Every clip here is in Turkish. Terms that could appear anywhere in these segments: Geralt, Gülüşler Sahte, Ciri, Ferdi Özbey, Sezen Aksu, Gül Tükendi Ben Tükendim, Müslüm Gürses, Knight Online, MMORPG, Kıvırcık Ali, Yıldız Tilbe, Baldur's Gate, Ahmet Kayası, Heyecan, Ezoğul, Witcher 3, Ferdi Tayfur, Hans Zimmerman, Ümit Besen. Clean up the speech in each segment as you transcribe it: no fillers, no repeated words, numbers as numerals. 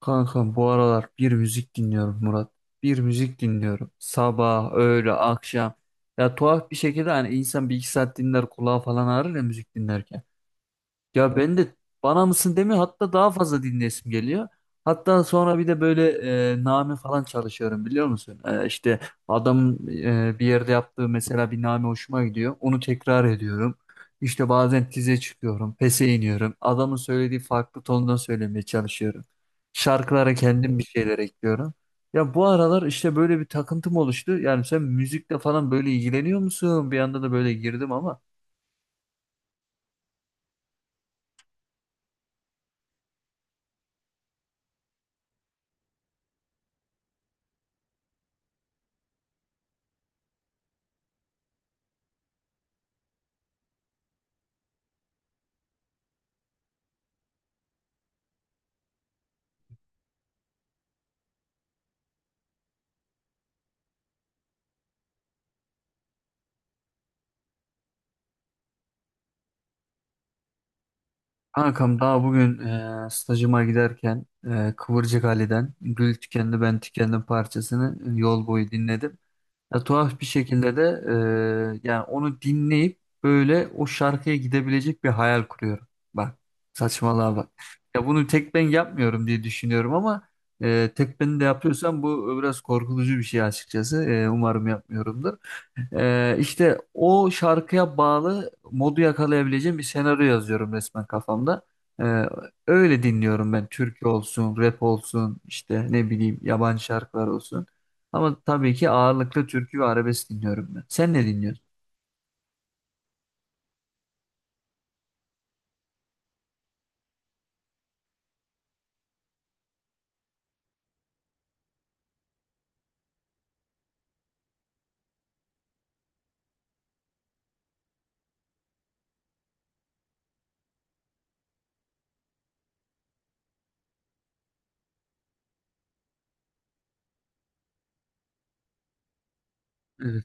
Kanka bu aralar bir müzik dinliyorum Murat. Bir müzik dinliyorum. Sabah, öğle, akşam. Ya tuhaf bir şekilde hani insan bir iki saat dinler kulağı falan ağrır ya müzik dinlerken. Ya ben de bana mısın demiyor, hatta daha fazla dinlesim geliyor. Hatta sonra bir de böyle name falan çalışıyorum biliyor musun? İşte adam bir yerde yaptığı mesela bir name hoşuma gidiyor. Onu tekrar ediyorum. İşte bazen tize çıkıyorum, pese iniyorum. Adamın söylediği farklı tonda söylemeye çalışıyorum. Şarkılara kendim bir şeyler ekliyorum. Ya bu aralar işte böyle bir takıntım oluştu. Yani sen müzikle falan böyle ilgileniyor musun? Bir anda da böyle girdim ama. Kankam daha bugün stajıma giderken Kıvırcık Ali'den Gül Tükendi Ben Tükendim parçasını yol boyu dinledim. Ya, tuhaf bir şekilde de yani onu dinleyip böyle o şarkıya gidebilecek bir hayal kuruyorum. Bak saçmalığa bak. Ya bunu tek ben yapmıyorum diye düşünüyorum ama tek ben de yapıyorsam bu biraz korkutucu bir şey açıkçası. Umarım yapmıyorumdur. İşte o şarkıya bağlı modu yakalayabileceğim bir senaryo yazıyorum resmen kafamda. Ee, Öyle dinliyorum ben. Türkü olsun, rap olsun, işte ne bileyim yabancı şarkılar olsun. Ama tabii ki ağırlıklı türkü ve arabesk dinliyorum ben. Sen ne dinliyorsun? Evet.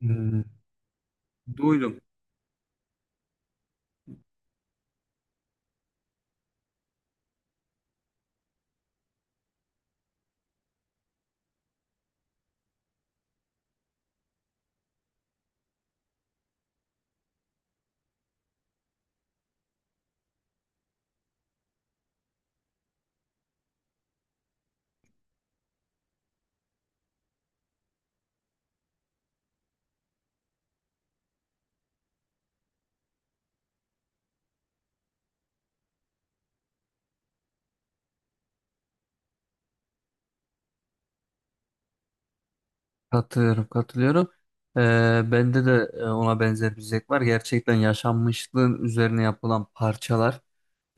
Hmm, duydum. Katılıyorum, katılıyorum. Ee, Bende de ona benzer bir zevk var. Gerçekten yaşanmışlığın üzerine yapılan parçalar.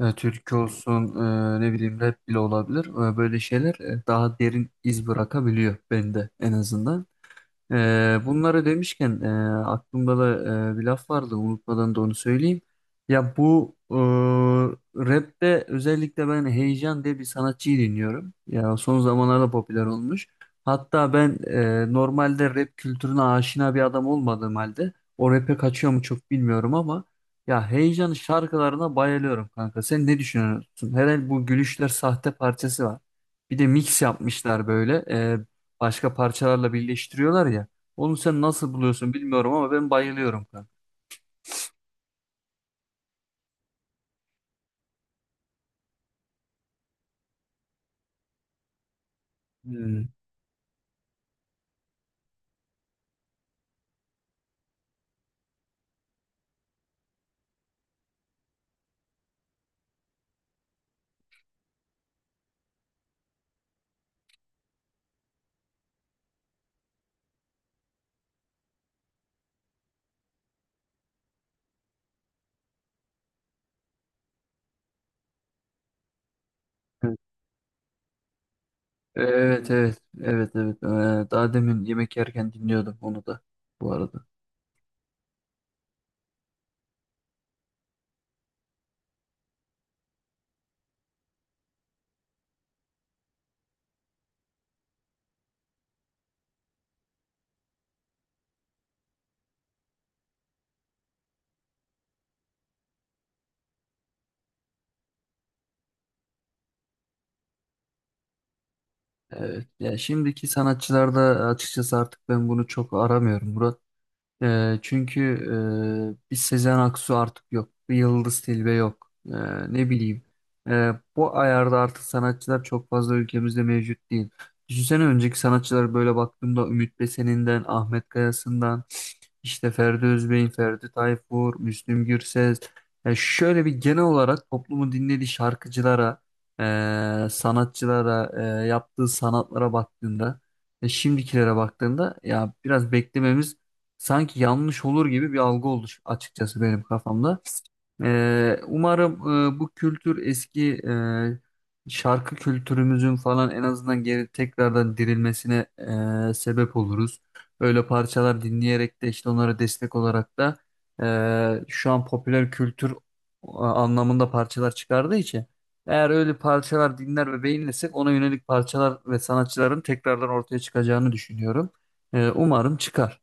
Türkü olsun, ne bileyim rap bile olabilir. Böyle şeyler daha derin iz bırakabiliyor bende en azından. Bunları demişken aklımda da bir laf vardı, unutmadan da onu söyleyeyim. Ya bu rapte özellikle ben Heyecan diye bir sanatçıyı dinliyorum. Ya son zamanlarda popüler olmuş. Hatta ben normalde rap kültürüne aşina bir adam olmadığım halde o rap'e kaçıyor mu çok bilmiyorum ama ya Heyecan'ın şarkılarına bayılıyorum kanka. Sen ne düşünüyorsun? Herhalde bu Gülüşler Sahte parçası var. Bir de mix yapmışlar böyle, başka parçalarla birleştiriyorlar ya. Onu sen nasıl buluyorsun bilmiyorum ama ben bayılıyorum kanka. Hmm. Evet, evet, evet, evet. Daha demin yemek yerken dinliyordum onu da bu arada. Evet ya, şimdiki sanatçılarda açıkçası artık ben bunu çok aramıyorum Murat. Çünkü bir Sezen Aksu artık yok. Bir Yıldız Tilbe yok. Ne bileyim. Bu ayarda artık sanatçılar çok fazla ülkemizde mevcut değil. Düşünsene önceki sanatçılara böyle baktığımda Ümit Besen'inden, Ahmet Kayası'ndan, işte Ferdi Özbey'in, Ferdi Tayfur, Müslüm Gürses. Yani şöyle bir genel olarak toplumun dinlediği şarkıcılara, sanatçılara, yaptığı sanatlara baktığında ve şimdikilere baktığında, ya biraz beklememiz sanki yanlış olur gibi bir algı oldu açıkçası benim kafamda. Umarım bu kültür eski şarkı kültürümüzün falan en azından geri tekrardan dirilmesine sebep oluruz. Öyle parçalar dinleyerek de işte onlara destek olarak da şu an popüler kültür anlamında parçalar çıkardığı için eğer öyle parçalar dinler ve beğenirsek ona yönelik parçalar ve sanatçıların tekrardan ortaya çıkacağını düşünüyorum. Umarım çıkar.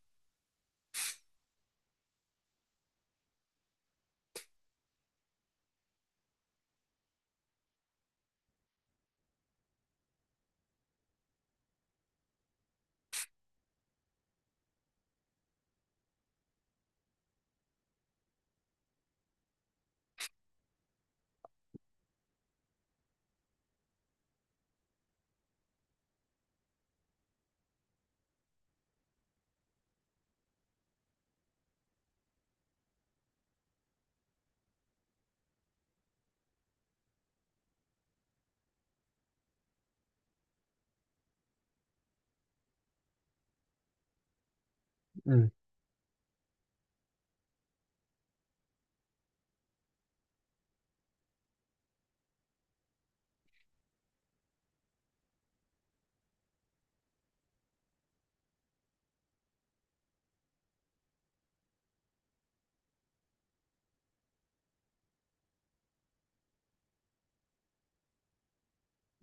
Evet.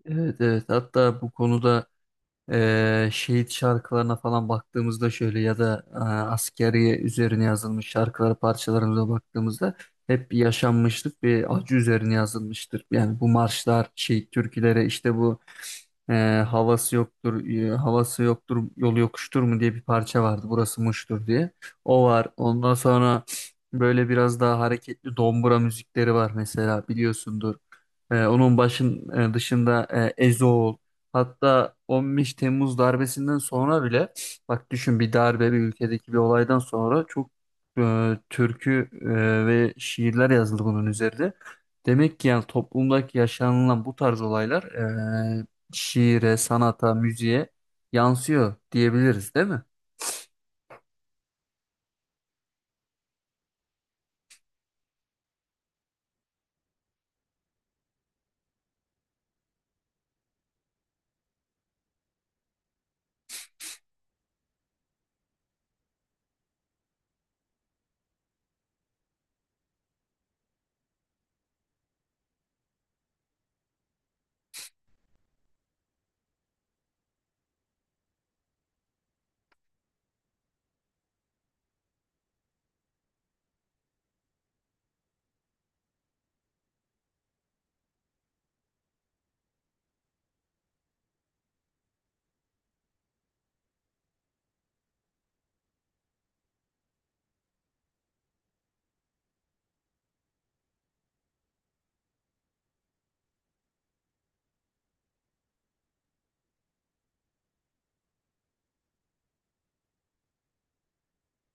Evet, evet, hatta bu konuda şehit şarkılarına falan baktığımızda şöyle ya da askeri üzerine yazılmış şarkılara parçalarımıza baktığımızda hep bir yaşanmışlık, bir acı üzerine yazılmıştır. Yani bu marşlar, şehit türküleri, işte bu e, havası yoktur, havası yoktur, yolu yokuştur mu diye bir parça vardı. Burası Muş'tur diye. O var. Ondan sonra böyle biraz daha hareketli dombura müzikleri var mesela, biliyorsundur. Onun dışında, Ezoğul. Hatta 15 Temmuz darbesinden sonra bile, bak düşün, bir darbe, bir ülkedeki bir olaydan sonra çok türkü ve şiirler yazıldı bunun üzerinde. Demek ki yani toplumdaki yaşanılan bu tarz olaylar e, şiire, sanata, müziğe yansıyor diyebiliriz değil mi?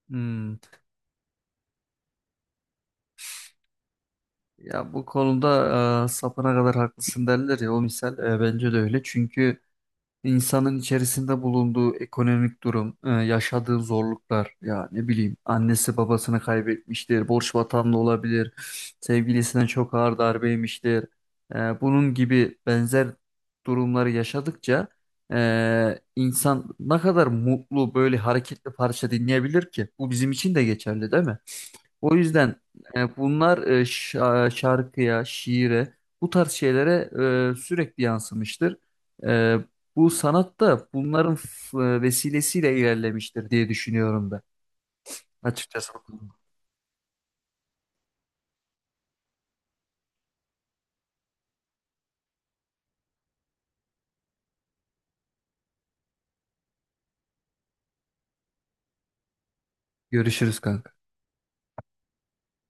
Hmm. Ya bu konuda sapına kadar haklısın derler ya, o misal bence de öyle. Çünkü İnsanın içerisinde bulunduğu ekonomik durum, yaşadığı zorluklar, ya ne bileyim annesi babasını kaybetmiştir, borç batağında olabilir, sevgilisine çok ağır darbe yemiştir. Bunun gibi benzer durumları yaşadıkça insan ne kadar mutlu böyle hareketli parça dinleyebilir ki? Bu bizim için de geçerli değil mi? O yüzden bunlar şarkıya, şiire, bu tarz şeylere sürekli yansımıştır. E, Bu sanat da bunların vesilesiyle ilerlemiştir diye düşünüyorum ben. Açıkçası. Görüşürüz kanka.